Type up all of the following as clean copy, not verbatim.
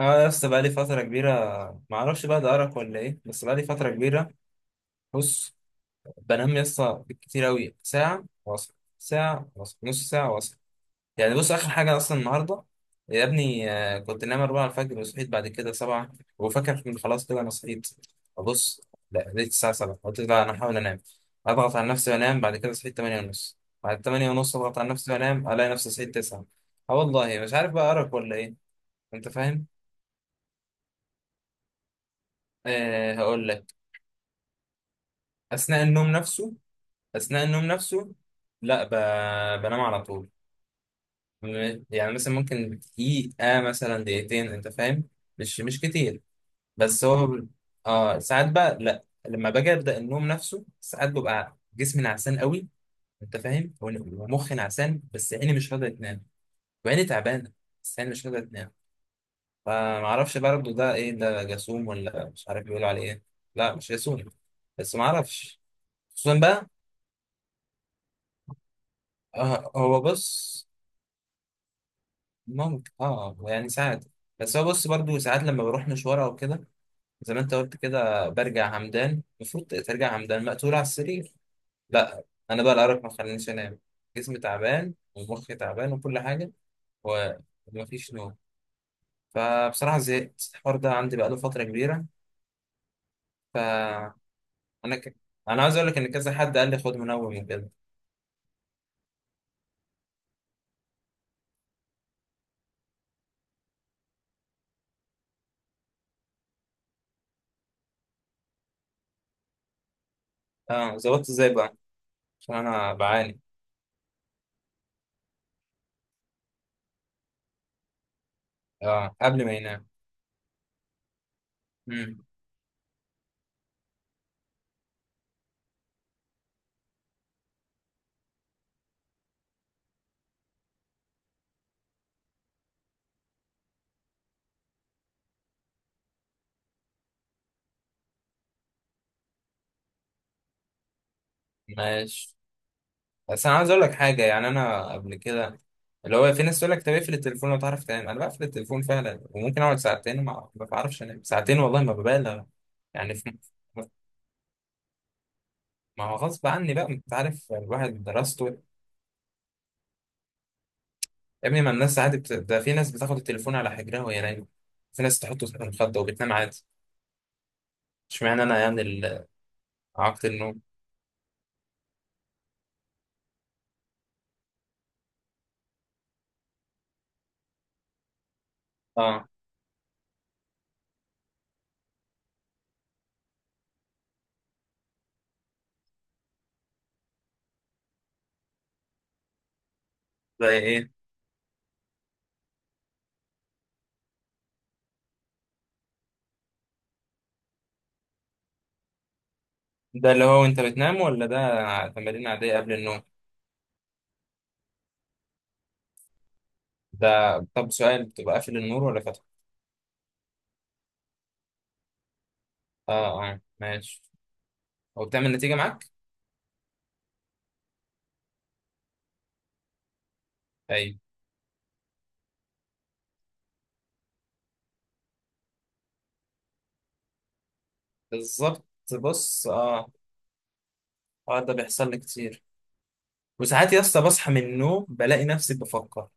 اه، يا اسطى بقالي فترة كبيرة. ما اعرفش بقى ده أرق ولا ايه، بس بقالي فترة كبيرة. بص، بنام يا اسطى كتير أوي ساعة واصل، ساعة واصل، نص ساعة واصل. يعني بص آخر حاجة أصلا النهاردة يا ابني، كنت نايم 4 الفجر وصحيت بعد كده 7. وفاكر إن خلاص كده أنا صحيت. أبص، لا، لقيت الساعة 7، قلت لا أنا هحاول أنام، أضغط على نفسي وأنام. بعد كده صحيت 8:30، بعد 8:30 أضغط على نفسي وأنام ألاقي نفسي صحيت 9. اه، والله مش عارف بقى أرق ولا ايه. أنت فاهم؟ أه، هقول لك. اثناء النوم نفسه، اثناء النوم نفسه. لا، بنام على طول. يعني مثلا ممكن دقيقة مثلا دقيقتين، انت فاهم. مش كتير. بس هو، اه، ساعات بقى لا. لما باجي ابدا النوم نفسه ساعات ببقى جسمي نعسان قوي. انت فاهم؟ ومخي نعسان، بس عيني مش راضيه تنام. وعيني تعبانه. بس عيني مش راضيه تنام. فمعرفش برضه ده ايه، ده جاسوم ولا مش عارف بيقولوا عليه ايه. لا، مش جاسوم. بس معرفش. خصوصا بقى. هو بص، ممكن يعني ساعات. بس هو بص برضو ساعات لما بروح مشوار او كده، زي ما انت قلت كده برجع همدان، المفروض ترجع همدان مقتول على السرير. لا، انا بقى الارق ما خلانيش انام. جسمي تعبان ومخي تعبان وكل حاجه. ومفيش نوم. فبصراحه زهقت الحوار ده، عندي بقاله فتره كبيره. فانا ك... انا عايز اقول لك ان كذا حد قال لي خد منوم وكده. اه، ظبطت ازاي بقى؟ عشان انا بعاني. اه، قبل ما ينام. مم. ماشي، بس انا عايز اقول لك حاجه، يعني انا قبل كده اللي هو في ناس تقول لك طب اقفل التليفون لو تعرف تنام، انا بقفل التليفون فعلا وممكن اقعد ساعتين ما بعرفش انام ساعتين والله ما ببالغ. يعني في، ما هو غصب عني بقى، انت عارف الواحد دراسته. يا ابني ما الناس عادي، ده في ناس بتاخد التليفون على حجرها وهي نايمه. في ناس تحطه تحت المخده وبتنام عادي. اشمعنى انا يعني اعاقه النوم. اه. ده ايه؟ ده اللي هو انت بتنام ولا ده تمارين عاديه قبل النوم؟ ده طب سؤال، بتبقى قافل النور ولا فاتحه؟ اه، اه، ماشي. هو بتعمل نتيجة معاك؟ أيوة. بالظبط. بص، اه، اه، ده بيحصل لي كتير. وساعات يا اسطى بصحى من النوم بلاقي نفسي بفكر.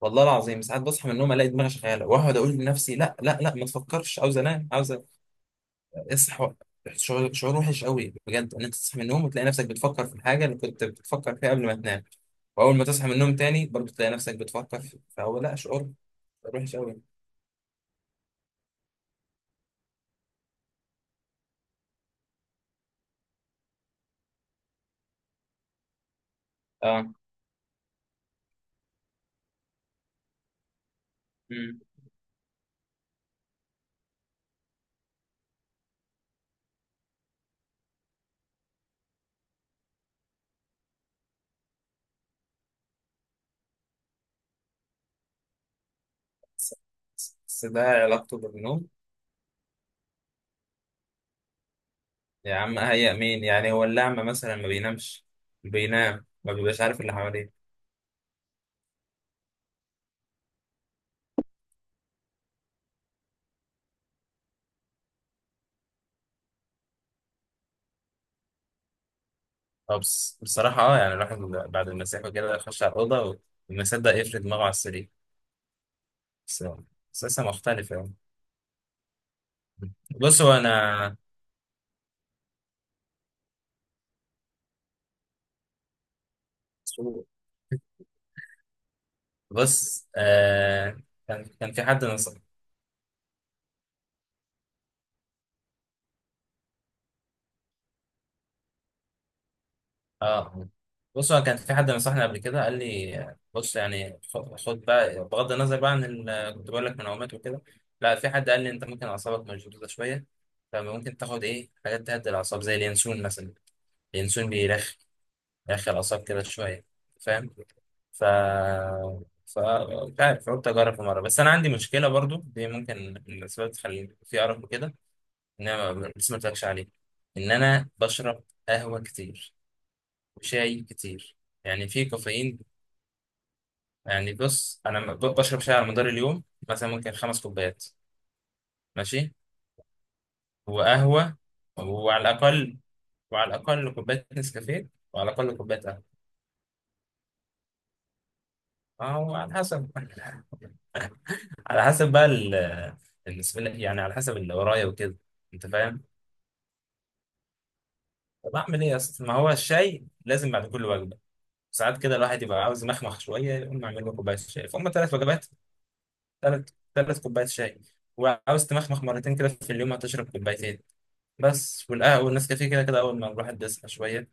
والله العظيم ساعات بصحى من النوم الاقي دماغي شغاله، واقعد اقول لنفسي لا لا لا، ما تفكرش، عاوز انام، عاوز اصحى. شعور، شعور وحش قوي بجد، ان انت تصحى من النوم وتلاقي نفسك بتفكر في الحاجه اللي كنت بتفكر فيها قبل ما تنام. واول ما تصحى من النوم تاني برضه تلاقي نفسك بتفكر فهو، لا، شعور، شعور وحش قوي. اه. امم بس، ده علاقته بالنوم؟ يا عم اهيأ مين يعني، هو اللعمة مثلا ما بينامش؟ بينام ما بيبقاش عارف اللي حواليه. أه، بس بصراحة، يعني الواحد بعد المسيح وكده يخش على الأوضة وما يصدق يفرد دماغه على السرير. بس، بس لسه مختلف يعني. بص هو أنا، بص، كان في حد. اه، بص، هو كان في حد نصحني قبل كده قال لي بص يعني خد، خد بقى بغض النظر بقى عن كنت بقول لك منومات وكده. لا، في حد قال لي انت ممكن اعصابك مشدوده شويه، فممكن تاخد ايه حاجات تهدي الاعصاب زي اليانسون مثلا. اليانسون بيرخي، يرخي الاعصاب كده شويه. فاهم؟ ف ف مش عارف، قلت اجرب مره. بس انا عندي مشكله برضو دي ممكن من الاسباب تخلي في ارق وكده، ان انا لسه ما قلتلكش عليه، ان انا بشرب قهوه كتير وشاي كتير. يعني في كافيين. يعني بص انا بشرب شاي على مدار اليوم، مثلا ممكن 5 كوبايات. ماشي. وقهوه. وعلى الاقل وعلى الاقل كوبايه نسكافيه، وعلى الاقل كوبايه قهوه. اه، وعلى حسب على حسب بقى بسم الله، يعني على حسب اللي ورايا وكده. انت فاهم؟ طب اعمل ايه يا اسطى، ما هو الشاي لازم بعد كل وجبه. ساعات كده الواحد يبقى عاوز يمخمخ شويه، يقوم اعمل له كوبايه شاي. فهم ثلاث وجبات، ثلاث ثلاث كوبايات شاي. وعاوز تمخمخ مرتين كده في اليوم هتشرب كوبايتين. بس والقهوة والنسكافيه كده كده أول ما الواحد بيصحى شوية.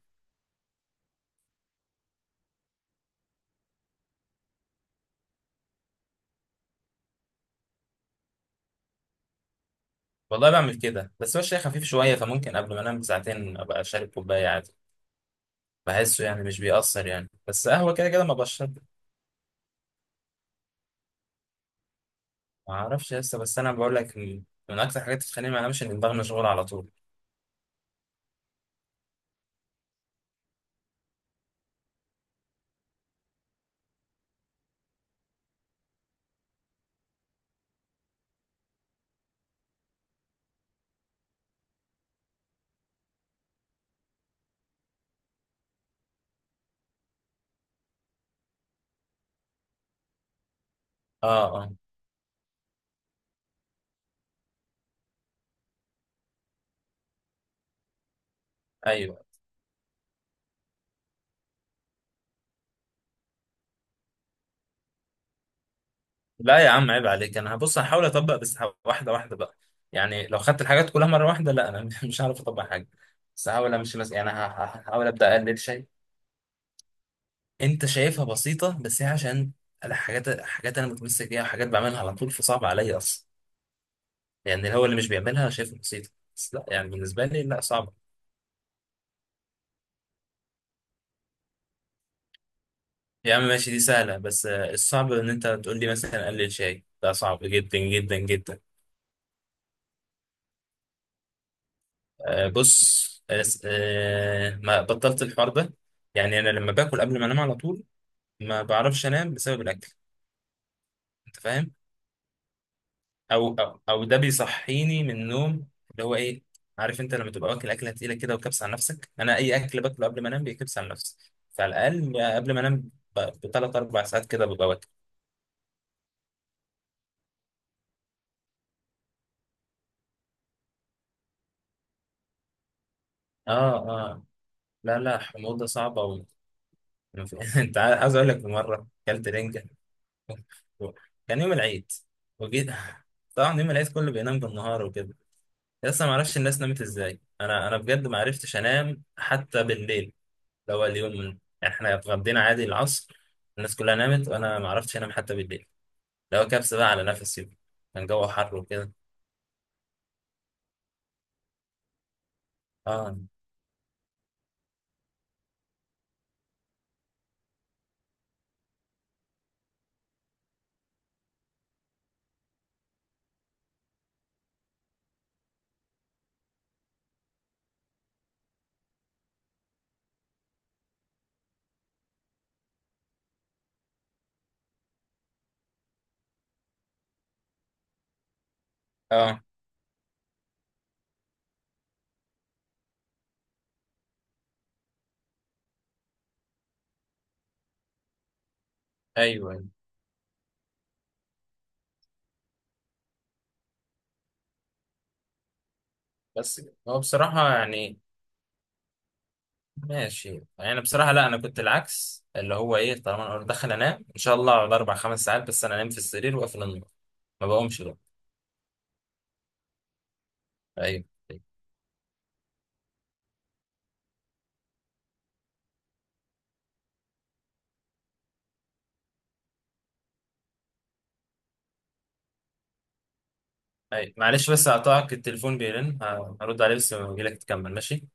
والله بعمل كده، بس هو الشاي خفيف شوية، فممكن قبل ما أنام بساعتين أبقى شارب كوباية عادي. بحسه يعني مش بيأثر يعني، بس قهوة كده كده ما بشرب. ما أعرفش لسه، بس أنا بقول لك، من أكتر حاجات بتخليني ما أنامش إن دماغي مشغول على طول. أه، أه، أيوه. لا يا عم عيب عليك، انا هبص هحاول اطبق، بس واحده واحده بقى. يعني لو خدت الحاجات كلها مره واحده، لا انا مش هعرف اطبق حاجه. بس هحاول امشي مثلا يعني، هحاول ابدا اقلل شيء. انت شايفها بسيطه بس هي عشان، الحاجات حاجات انا متمسك بيها وحاجات بعملها على طول، فصعب عليا اصلا. يعني هو اللي مش بيعملها شايفها بسيطه، بس لا يعني، بالنسبه لي لا صعبه. يا عم ماشي دي سهله، بس الصعب ان انت تقول لي مثلا قلل شيء، ده صعب جدا جدا جدا. بص، ما بطلت الحوار ده. يعني انا لما باكل قبل ما انام على طول ما بعرفش انام بسبب الاكل. انت فاهم؟ او ده بيصحيني من النوم اللي هو ايه، عارف انت لما تبقى واكل اكله تقيله كده وكبس على نفسك. انا اي اكل باكله قبل ما انام بيكبس على نفسي. فعلى الاقل قبل ما انام ب3 أو 4 ساعات كده ببقى واكل. اه، اه، لا، لا، حموضه صعبه انت عايز اقول لك في مره اكلت رنجه. كان يوم العيد. وجيت، طبعا يوم العيد كله بينام بالنهار وكده. لسه ما اعرفش الناس نامت ازاي، انا بجد ما عرفتش انام حتى بالليل. اللي هو اليوم يعني احنا اتغدينا عادي العصر. الناس كلها نامت وانا ما عرفتش انام حتى بالليل. اللي هو كبس بقى على نفسي. كان جو حر وكده. اه، اه، ايوه، أيوة. بس كده. هو بصراحه يعني ماشي، يعني بصراحه لا انا كنت العكس اللي هو ايه، طالما انا دخل انام ان شاء الله على 4 أو 5 ساعات، بس انا انام في السرير واقفل النور، ما بقومش. ايوه. ايوه معلش بس هقطعك، التليفون بيرن، هرد عليه، بس لما اجيلك تكمل. ماشي.